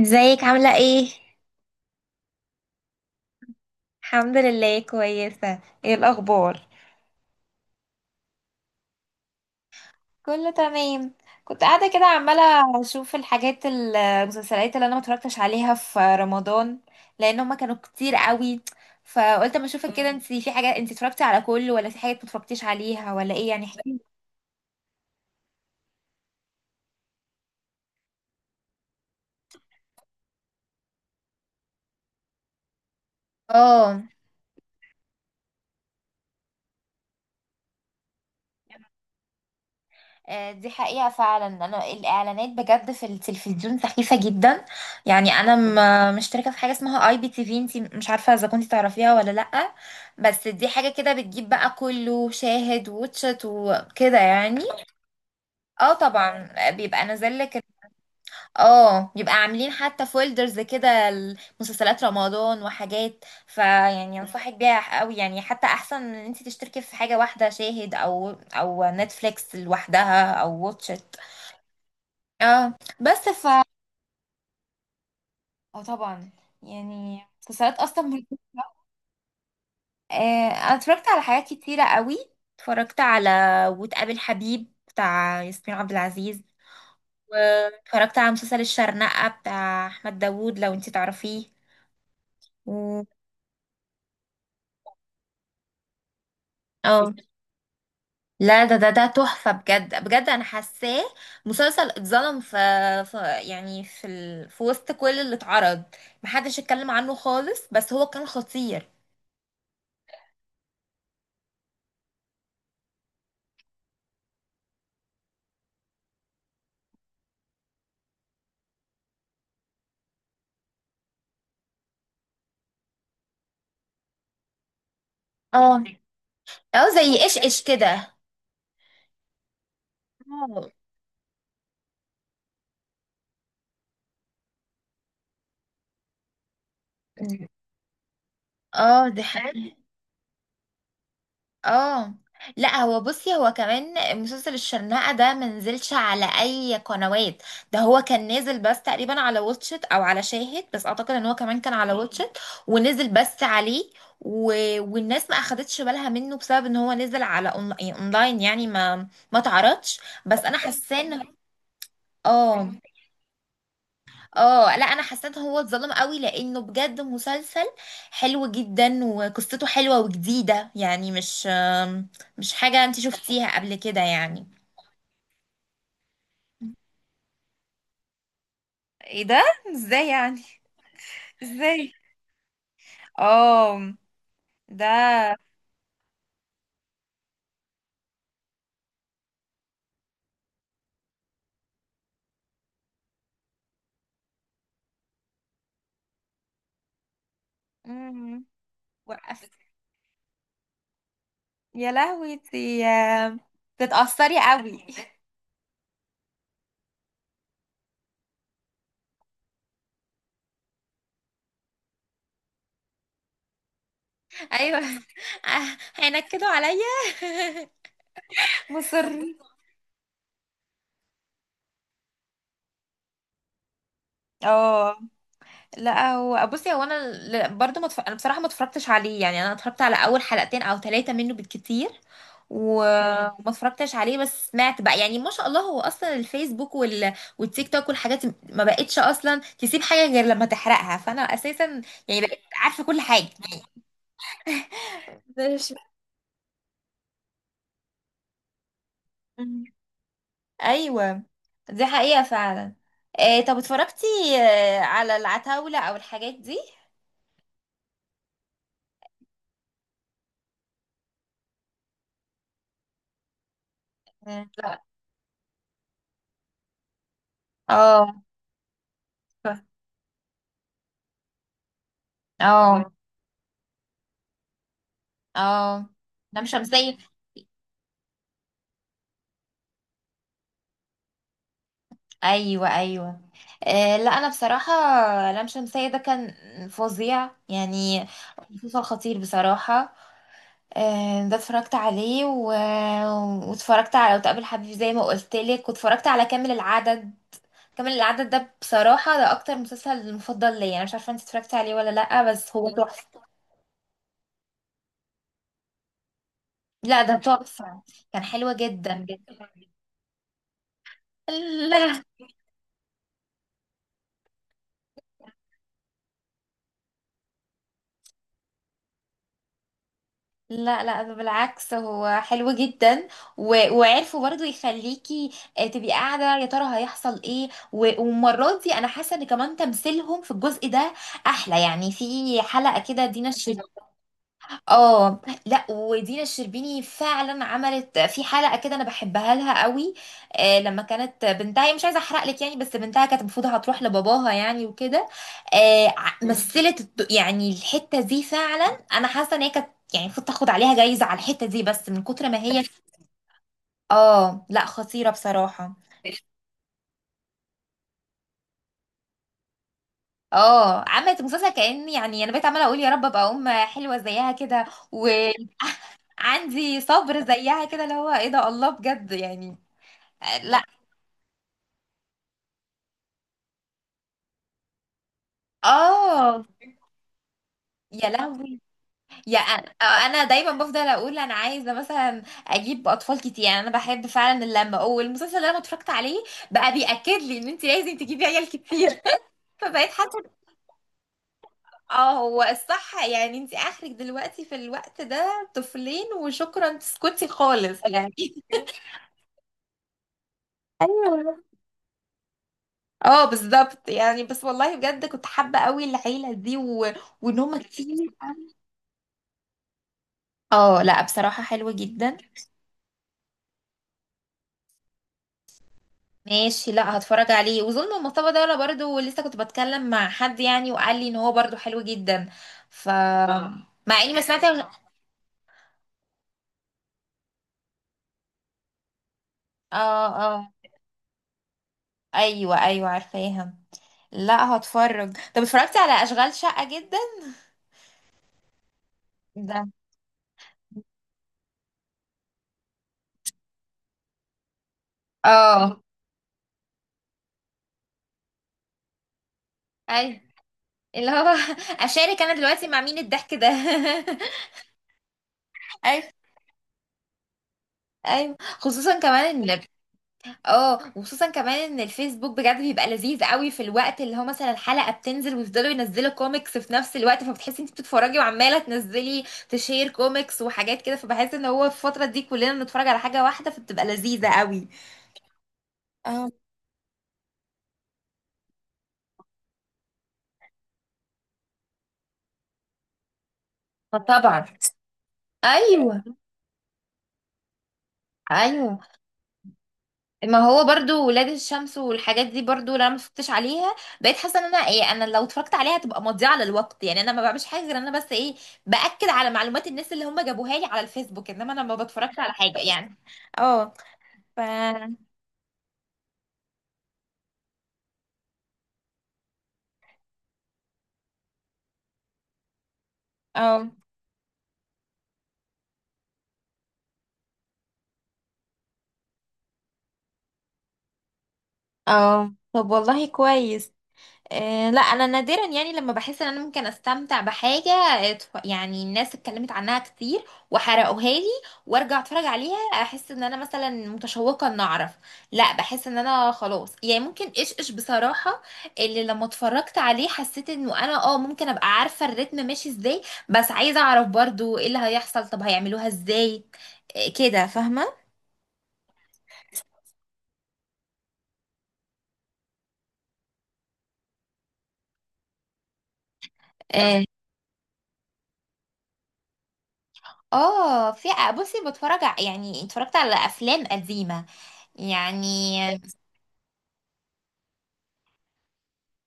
ازيك عاملة ايه؟ الحمد لله كويسة. ايه الأخبار؟ كله تمام. كنت قاعدة كده عمالة أشوف الحاجات المسلسلات اللي أنا ما اتفرجتش عليها في رمضان، لأن هما كانوا كتير قوي. فقلت أما أشوفك كده انتي في حاجة، انتي اتفرجتي على كله ولا في حاجات ما اتفرجتيش عليها ولا ايه، يعني احكي. اه. دي حقيقة فعلا، أنا الإعلانات بجد في التلفزيون سخيفة جدا. يعني أنا مشتركة في حاجة اسمها اي بي تي في، انتي مش عارفة إذا كنتي تعرفيها ولا لأ. بس دي حاجة كده بتجيب بقى كله، شاهد واتشت وكده يعني. اه طبعا بيبقى نازل لك. اه بيبقى عاملين حتى فولدرز كده، مسلسلات رمضان وحاجات، فيعني انصحك بيها قوي، يعني حتى احسن من ان انت تشتركي في حاجة واحدة شاهد او او نتفليكس لوحدها او واتشت. اه بس ف اه طبعا. يعني مسلسلات اصلا آه انا اتفرجت على حاجات كتيرة قوي. اتفرجت على وتقابل حبيب بتاع ياسمين عبد العزيز، واتفرجت على مسلسل الشرنقة بتاع احمد داوود لو انتي تعرفيه. و- اه لا ده تحفة بجد بجد، انا حاساه مسلسل اتظلم في، يعني في ال... في وسط كل اللي اتعرض محدش اتكلم عنه خالص، بس هو كان خطير. اه. اه زي ايش ايش كده. اه. اه دي حقيقة. اه لا هو بصي، هو كمان مسلسل الشرنقة ده منزلش على اي قنوات. ده هو كان نازل بس تقريبا على واتشت او على شاهد، بس اعتقد ان هو كمان كان على واتشت. ونزل بس عليه. و... والناس ما اخدتش بالها منه بسبب ان هو نزل على يعني اونلاين، يعني ما تعرضش. بس انا حاسه ان اه. اه لا انا حسيت هو اتظلم قوي لانه بجد مسلسل حلو جدا، وقصته حلوه وجديده، يعني مش مش حاجه انت شفتيها قبل كده يعني. ايه ده؟ ازاي يعني؟ ازاي؟ اه. ده مم. وقف. يا لهوي، تتأثري قوي؟ ايوه. هينكدوا عليا. مصر. اه لا هو بصي، هو انا برضو انا بصراحه ما اتفرجتش عليه، يعني انا اتفرجت على اول حلقتين او 3 منه بالكتير. مم. وما اتفرجتش عليه، بس سمعت بقى، يعني ما شاء الله هو اصلا الفيسبوك وال... والتيك توك والحاجات دي ما بقتش اصلا تسيب حاجه غير لما تحرقها، فانا اساسا يعني بقيت عارفه كل حاجه. مش- مم. ايوه دي حقيقه فعلا. إيه طب اتفرجتي على العتاوله او الحاجات دي؟ مم. لا. اه. اه. اه لام شمسية. ايوه ايوه. آه لا انا بصراحه، لام شمسية ده كان فظيع يعني، مسلسل خطير بصراحه. آه ده اتفرجت عليه و... واتفرجت على وتقابل حبيبي زي ما قلت لك، واتفرجت على كامل العدد. كامل العدد ده بصراحه ده اكتر مسلسل مفضل ليا، انا مش عارفه انت اتفرجت عليه ولا لا، بس هو تحفه. لا ده تحفه، كان حلو جدا جدا. لا لا لا ده بالعكس هو حلو جدا. و... وعرفوا برضو يخليكي تبقي قاعدة يا ترى هيحصل ايه و... والمرات دي انا حاسة ان كمان تمثيلهم في الجزء ده احلى، يعني في حلقة كده دينا الشربيني. اه. لا ودينا الشربيني فعلا عملت في حلقه كده، انا بحبها لها قوي. آه لما كانت بنتها، هي مش عايزه احرق لك يعني، بس بنتها كانت المفروض هتروح لباباها يعني وكده. آه مثلت يعني الحته دي فعلا، انا حاسه ان هي كانت يعني المفروض تاخد عليها جايزه على الحته دي، بس من كتر ما هي. اه لا خطيره بصراحه. اه عملت مسلسل كأن، يعني انا بقيت عماله اقول يا رب ابقى ام حلوه زيها كده، وعندي صبر زيها كده، اللي هو ايه ده، الله بجد يعني. لا. اه. يا لهوي. يا انا انا دايما بفضل اقول انا عايزه مثلا اجيب اطفال كتير، يعني انا بحب فعلا اللمه، والمسلسل اللي انا اتفرجت عليه بقى بياكد لي ان انت لازم تجيبي عيال كتير. فبقيت حاسه. اه هو الصح، يعني انت اخرك دلوقتي في الوقت ده طفلين وشكرا، تسكتي خالص يعني. ايوه. اه بالظبط يعني، بس والله بجد كنت حابه قوي العيله دي و... وان هم كتير. اه لا بصراحه حلوه جدا. ماشي، لا هتفرج عليه. وظلم المصطبة ده، ولا برضو لسه كنت بتكلم مع حد يعني وقال لي ان هو برضو حلو جدا. ف اه مع اني ما سمعت حلو اه صح. اه. ايوه ايوه عارفاها. لا هتفرج. طب اتفرجت على اشغال شقة جدا ده؟ اه. ايوه، اللي هو اشارك انا دلوقتي مع مين الضحك ده؟ ايوه. ايوه خصوصا كمان. اه وخصوصا كمان ان الفيسبوك بجد بيبقى لذيذ قوي في الوقت اللي هو مثلا الحلقه بتنزل ويفضلوا ينزلوا كوميكس في نفس الوقت، فبتحسي انت بتتفرجي وعماله تنزلي تشير كوميكس وحاجات كده، فبحس ان هو في الفتره دي كلنا بنتفرج على حاجه واحده فبتبقى لذيذه قوي. اه فطبعا. ايوه ايوه. ما هو برضو ولاد الشمس والحاجات دي برضو لو انا ما اتفرجتش عليها بقيت حاسه ان انا ايه، انا لو اتفرجت عليها هتبقى مضيعه للوقت، يعني انا ما بعملش حاجه غير ان انا بس ايه، باكد على معلومات الناس اللي هم جابوها لي على الفيسبوك، انما انا ما بتفرجش على حاجه يعني. اه. ف اه اه طب والله كويس. لا انا نادرا، يعني لما بحس ان انا ممكن استمتع بحاجه يعني الناس اتكلمت عنها كتير وحرقوها لي وارجع اتفرج عليها، احس ان انا مثلا متشوقه ان اعرف. لا بحس ان انا خلاص، يعني ممكن ايش ايش بصراحه. اللي لما اتفرجت عليه حسيت انه انا اه ممكن ابقى عارفه الريتم ماشي ازاي، بس عايزه اعرف برضو ايه اللي هيحصل، طب هيعملوها ازاي. كده فاهمه. آه، اه في. بصي بتفرج يعني اتفرجت على افلام قديمه يعني.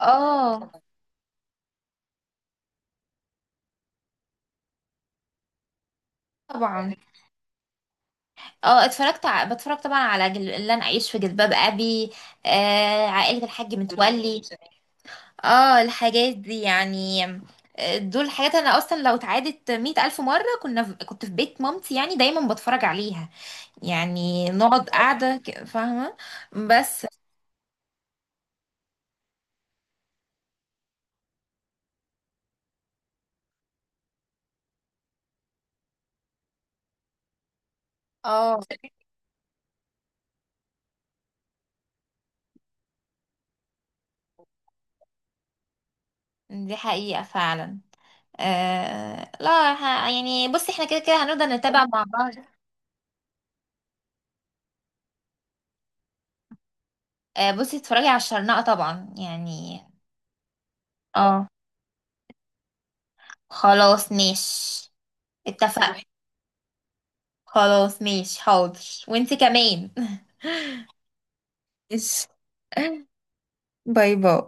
اه طبعا. اه اتفرجت بتفرج طبعا على اللي انا اعيش في جلباب ابي، آه عائله الحاج متولي. اه الحاجات دي يعني. دول حاجات انا اصلا لو اتعادت 100,000 مره كنا في... كنت في بيت مامتي يعني دايما بتفرج عليها، يعني نقعد قاعده فاهمه. بس. اه دي حقيقه فعلا. آه لا يعني بصي احنا كده كده هنفضل نتابع مع بعض. آه بصي اتفرجي على الشرنقة طبعا يعني. اه خلاص ماشي. اتفقنا، خلاص ماشي حاضر. وانتي كمان. ماشي. باي باي.